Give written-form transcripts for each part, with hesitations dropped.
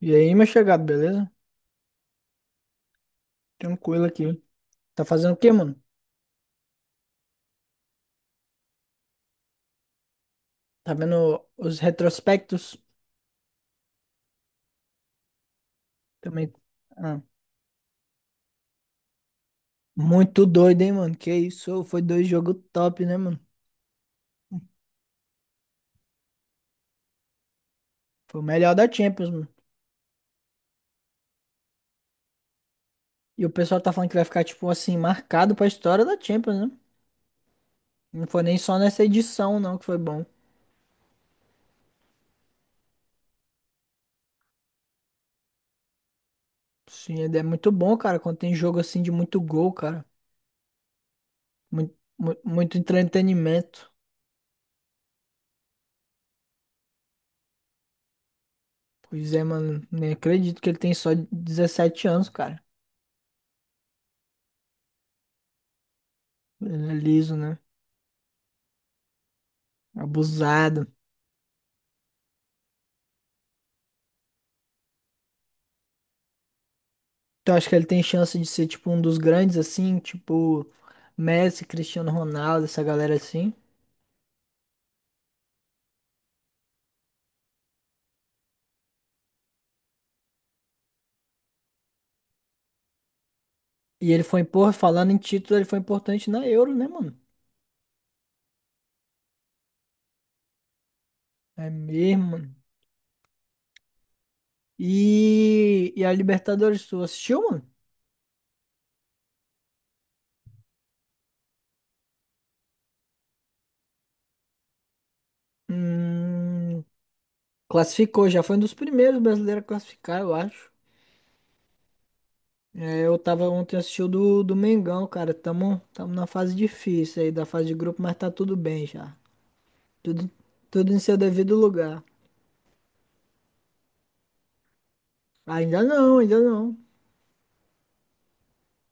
E aí, meu chegado, beleza? Tranquilo aqui. Tá fazendo o quê, mano? Tá vendo os retrospectos? Também. Ah, muito doido, hein, mano? Que isso? Foi dois jogos top, né, mano? Foi o melhor da Champions, mano. E o pessoal tá falando que vai ficar, tipo assim, marcado pra história da Champions, né? Não foi nem só nessa edição, não, que foi bom. Sim, é muito bom, cara, quando tem jogo assim de muito gol, cara. Muito, muito entretenimento. Pois é, mano. Nem acredito que ele tem só 17 anos, cara. Ele é liso, né? Abusado. Então acho que ele tem chance de ser tipo um dos grandes assim, tipo Messi, Cristiano Ronaldo, essa galera assim. E ele foi, porra, falando em título, ele foi importante na Euro, né, mano? É mesmo, mano. E a Libertadores, tu assistiu, mano? Hum, Classificou, já foi um dos primeiros brasileiros a classificar, eu acho. É, eu tava ontem assistindo do Mengão, cara. Tamo na fase difícil aí, da fase de grupo, mas tá tudo bem já. Tudo, tudo em seu devido lugar. Ainda não, ainda não.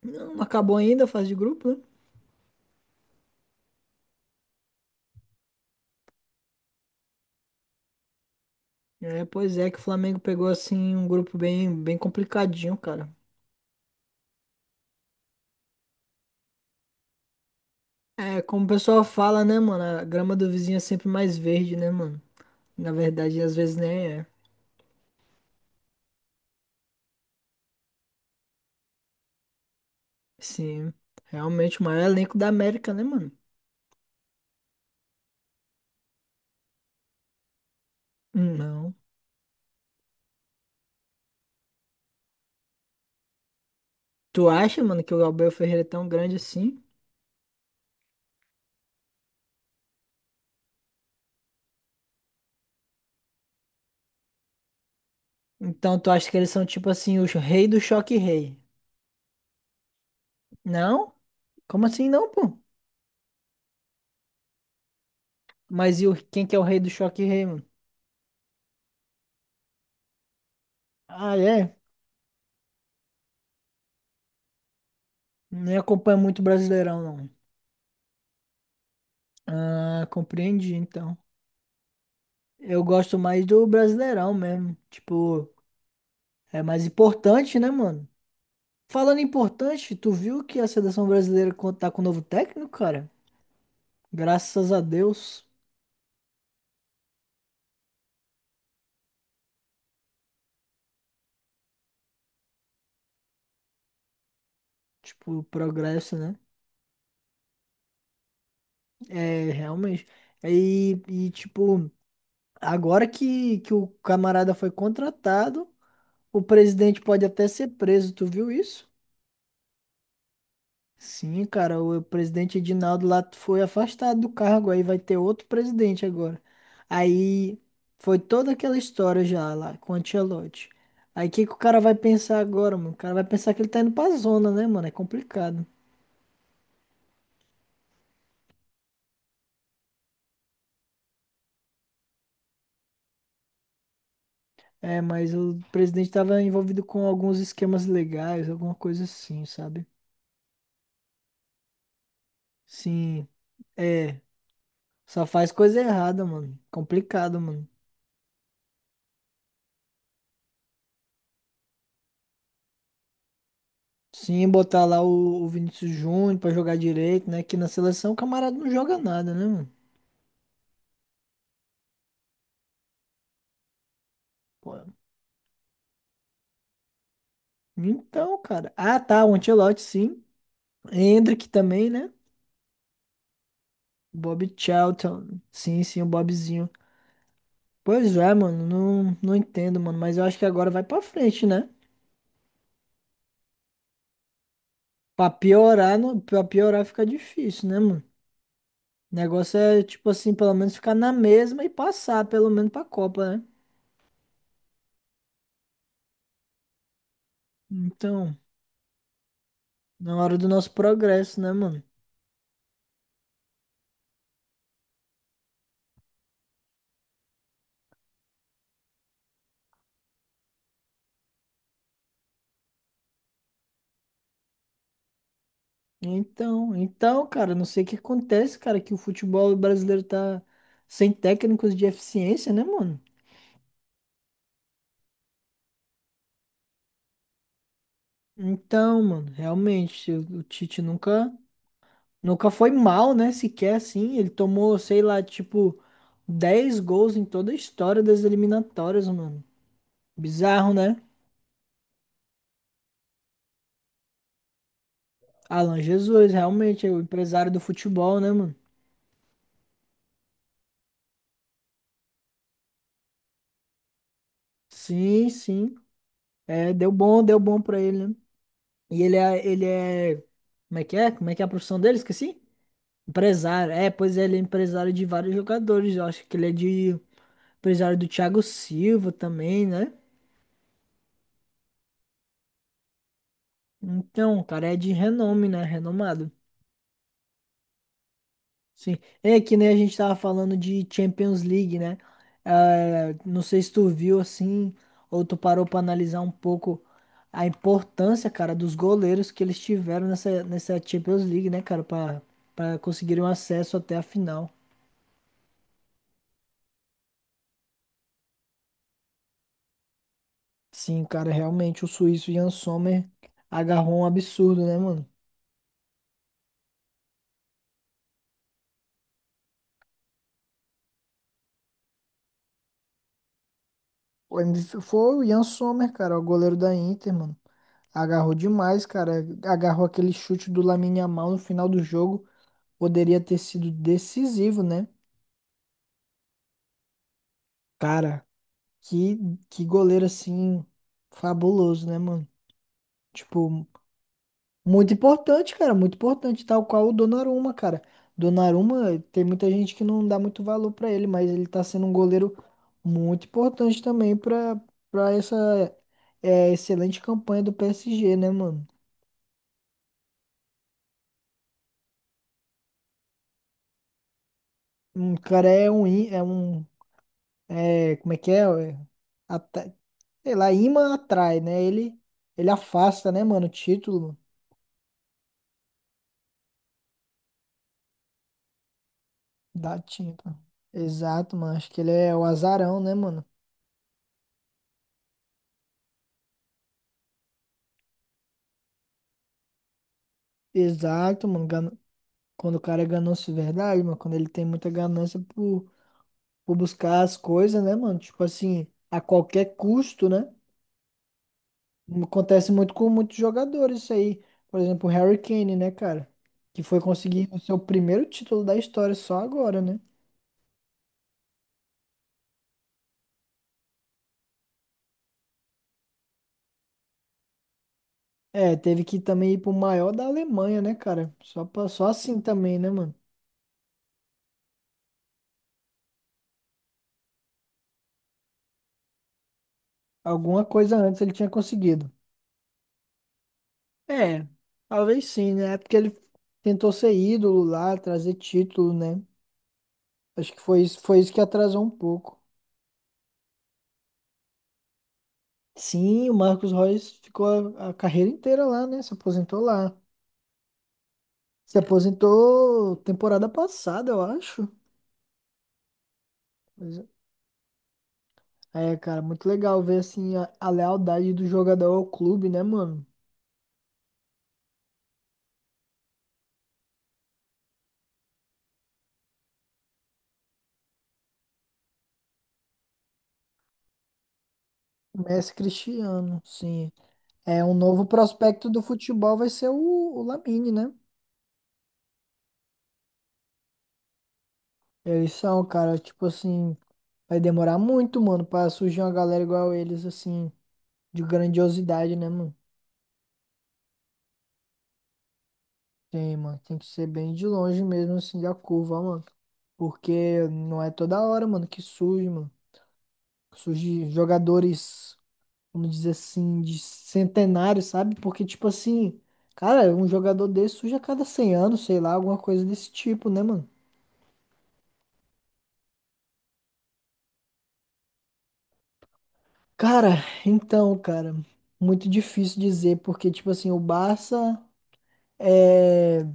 Não acabou ainda a fase de grupo, né? É, pois é, que o Flamengo pegou assim um grupo bem, bem complicadinho, cara. É, como o pessoal fala, né, mano? A grama do vizinho é sempre mais verde, né, mano? Na verdade, às vezes nem é. Sim, realmente o maior elenco da América, né, mano? Não. Tu acha, mano, que o Gabriel Ferreira é tão grande assim? Então tu acha que eles são tipo assim, o rei do choque rei? Não? Como assim não, pô? Mas quem que é o rei do choque rei, mano? Ah, é? Nem acompanho muito Brasileirão, não. Ah, compreendi, então. Eu gosto mais do Brasileirão mesmo. Tipo, é mais importante, né, mano? Falando em importante, tu viu que a seleção brasileira tá com um novo técnico, cara? Graças a Deus. Tipo, progresso, né? É, realmente. É, E tipo, agora que o camarada foi contratado, o presidente pode até ser preso. Tu viu isso? Sim, cara, o presidente Edinaldo lá foi afastado do cargo, aí vai ter outro presidente agora. Aí foi toda aquela história já lá com o Ancelotti. Aí o que que o cara vai pensar agora, mano? O cara vai pensar que ele tá indo pra zona, né, mano? É complicado. É, mas o presidente tava envolvido com alguns esquemas legais, alguma coisa assim, sabe? Sim, é. Só faz coisa errada, mano. Complicado, mano. Sim, botar lá o Vinícius Júnior pra jogar direito, né? Que na seleção o camarada não joga nada, né, mano? Pô, então, cara. Ah, tá, o Ancelotti, sim. Hendrick também, né? Bob Charlton. Sim, sim, o Bobzinho. Pois é, mano, não, não entendo, mano. Mas eu acho que agora vai pra frente, né? Pra piorar, não, pra piorar fica difícil, né, mano? O negócio é, tipo assim, pelo menos ficar na mesma e passar, pelo menos pra Copa, né? Então, na hora do nosso progresso, né, mano? Então, cara, não sei o que acontece, cara, que o futebol brasileiro tá sem técnicos de eficiência, né, mano? Então, mano, realmente, o Tite nunca, nunca foi mal, né, sequer assim. Ele tomou, sei lá, tipo, 10 gols em toda a história das eliminatórias, mano. Bizarro, né? Alan Jesus, realmente, é o empresário do futebol, né, mano? Sim, sim. É, deu bom pra ele, né? E ele é, como é que é? Como é que é a profissão dele? Esqueci? Empresário, é, pois é, ele é empresário de vários jogadores. Eu acho que ele é de empresário do Thiago Silva também, né? Então, o cara é de renome, né? Renomado. Sim. É que nem a gente tava falando de Champions League, né? Ah, não sei se tu viu assim, ou tu parou pra analisar um pouco a importância, cara, dos goleiros que eles tiveram nessa Champions League, né, cara, pra conseguirem um acesso até a final. Sim, cara, realmente o suíço Jan Sommer agarrou um absurdo, né, mano? O MV foi o Jan Sommer, cara, o goleiro da Inter, mano. Agarrou demais, cara. Agarrou aquele chute do Lamine Yamal no final do jogo. Poderia ter sido decisivo, né? Cara, que, que goleiro assim, fabuloso, né, mano? Tipo, muito importante, cara, muito importante, tal qual o Donnarumma, cara. Donnarumma, tem muita gente que não dá muito valor pra ele, mas ele tá sendo um goleiro muito importante também pra para essa excelente campanha do PSG, né, mano? Um cara é um é um como é que é? É, ata- sei lá, imã atrai, né? Ele afasta, né, mano, o título da tinta. Exato, mano. Acho que ele é o azarão, né, mano? Exato, mano. Quando o cara é ganância de verdade, mano, quando ele tem muita ganância por buscar as coisas, né, mano? Tipo assim, a qualquer custo, né? Acontece muito com muitos jogadores isso aí. Por exemplo, o Harry Kane, né, cara? Que foi conseguir o seu primeiro título da história só agora, né? É, teve que também ir pro maior da Alemanha, né, cara? Só, assim também, né, mano? Alguma coisa antes ele tinha conseguido. É, talvez sim, né? É porque ele tentou ser ídolo lá, trazer título, né? Acho que foi isso que atrasou um pouco. Sim, o Marcos Royce ficou a carreira inteira lá, né? Se aposentou lá. Se aposentou temporada passada, eu acho. Pois é, cara, muito legal ver assim a lealdade do jogador ao clube, né, mano? Messi Cristiano, sim. É, um novo prospecto do futebol vai ser o Lamine, né? Eles são, cara, tipo assim, vai demorar muito, mano, pra surgir uma galera igual eles, assim, de grandiosidade, né, mano? Tem, mano, tem que ser bem de longe mesmo, assim, da curva, ó, mano. Porque não é toda hora, mano, que surge, mano. Surge jogadores, vamos dizer assim, de centenário, sabe? Porque, tipo assim, cara, um jogador desse surge a cada 100 anos, sei lá, alguma coisa desse tipo, né, mano? Cara, então, cara, muito difícil dizer, porque, tipo assim, o Barça é,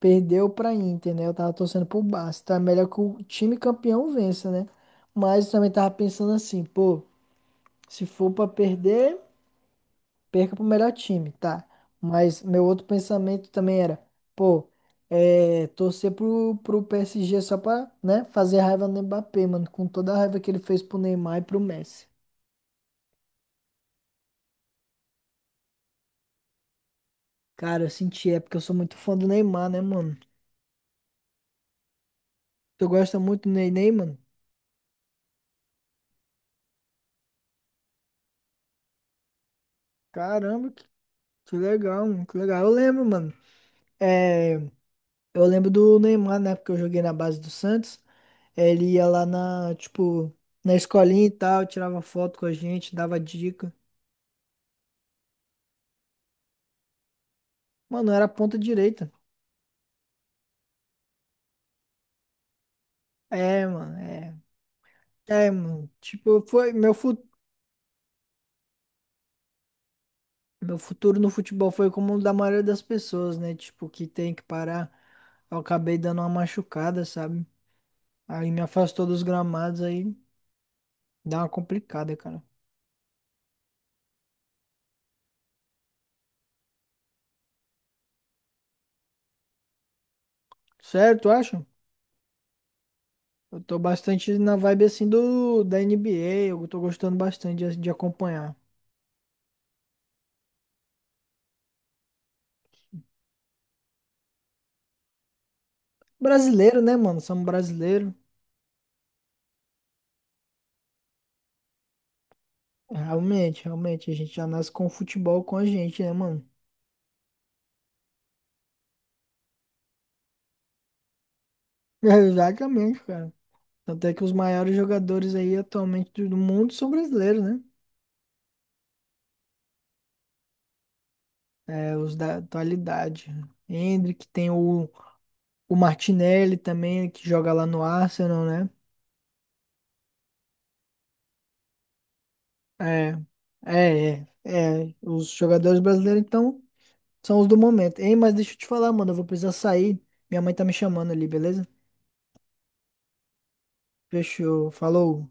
perdeu pra Inter, né? Eu tava torcendo pro Barça, tá? Melhor que o time campeão vença, né? Mas também tava pensando assim, pô. Se for pra perder, perca pro melhor time, tá? Mas meu outro pensamento também era, pô, torcer pro PSG só pra, né, fazer raiva no Mbappé, mano, com toda a raiva que ele fez pro Neymar e pro Messi. Cara, eu senti, é porque eu sou muito fã do Neymar, né, mano? Tu gosta muito do Ney, Ney, mano? Caramba, que legal, mano, que legal. Eu lembro, mano. É, eu lembro do Neymar, né, porque eu joguei na base do Santos. É, ele ia lá na, tipo, na escolinha e tal, tirava foto com a gente, dava dica. Mano, eu era ponta direita. É, mano, é. É, mano. Tipo, foi meu, fu meu futuro no futebol foi como o da maioria das pessoas, né? Tipo, que tem que parar. Eu acabei dando uma machucada, sabe? Aí me afastou dos gramados, aí dá uma complicada, cara. Certo, acho? Eu tô bastante na vibe assim do da NBA, eu tô gostando bastante de acompanhar. Brasileiro, né, mano? Somos brasileiro. Realmente, realmente, a gente já nasce com o futebol com a gente, né, mano? Exatamente, cara. Tanto é que os maiores jogadores aí atualmente do mundo são brasileiros, né? É, os da atualidade. Endrick, tem o Martinelli também, né, que joga lá no Arsenal, né? É, é, é, é. Os jogadores brasileiros, então, são os do momento. Ei, mas deixa eu te falar, mano, eu vou precisar sair. Minha mãe tá me chamando ali, beleza? Fechou, falou.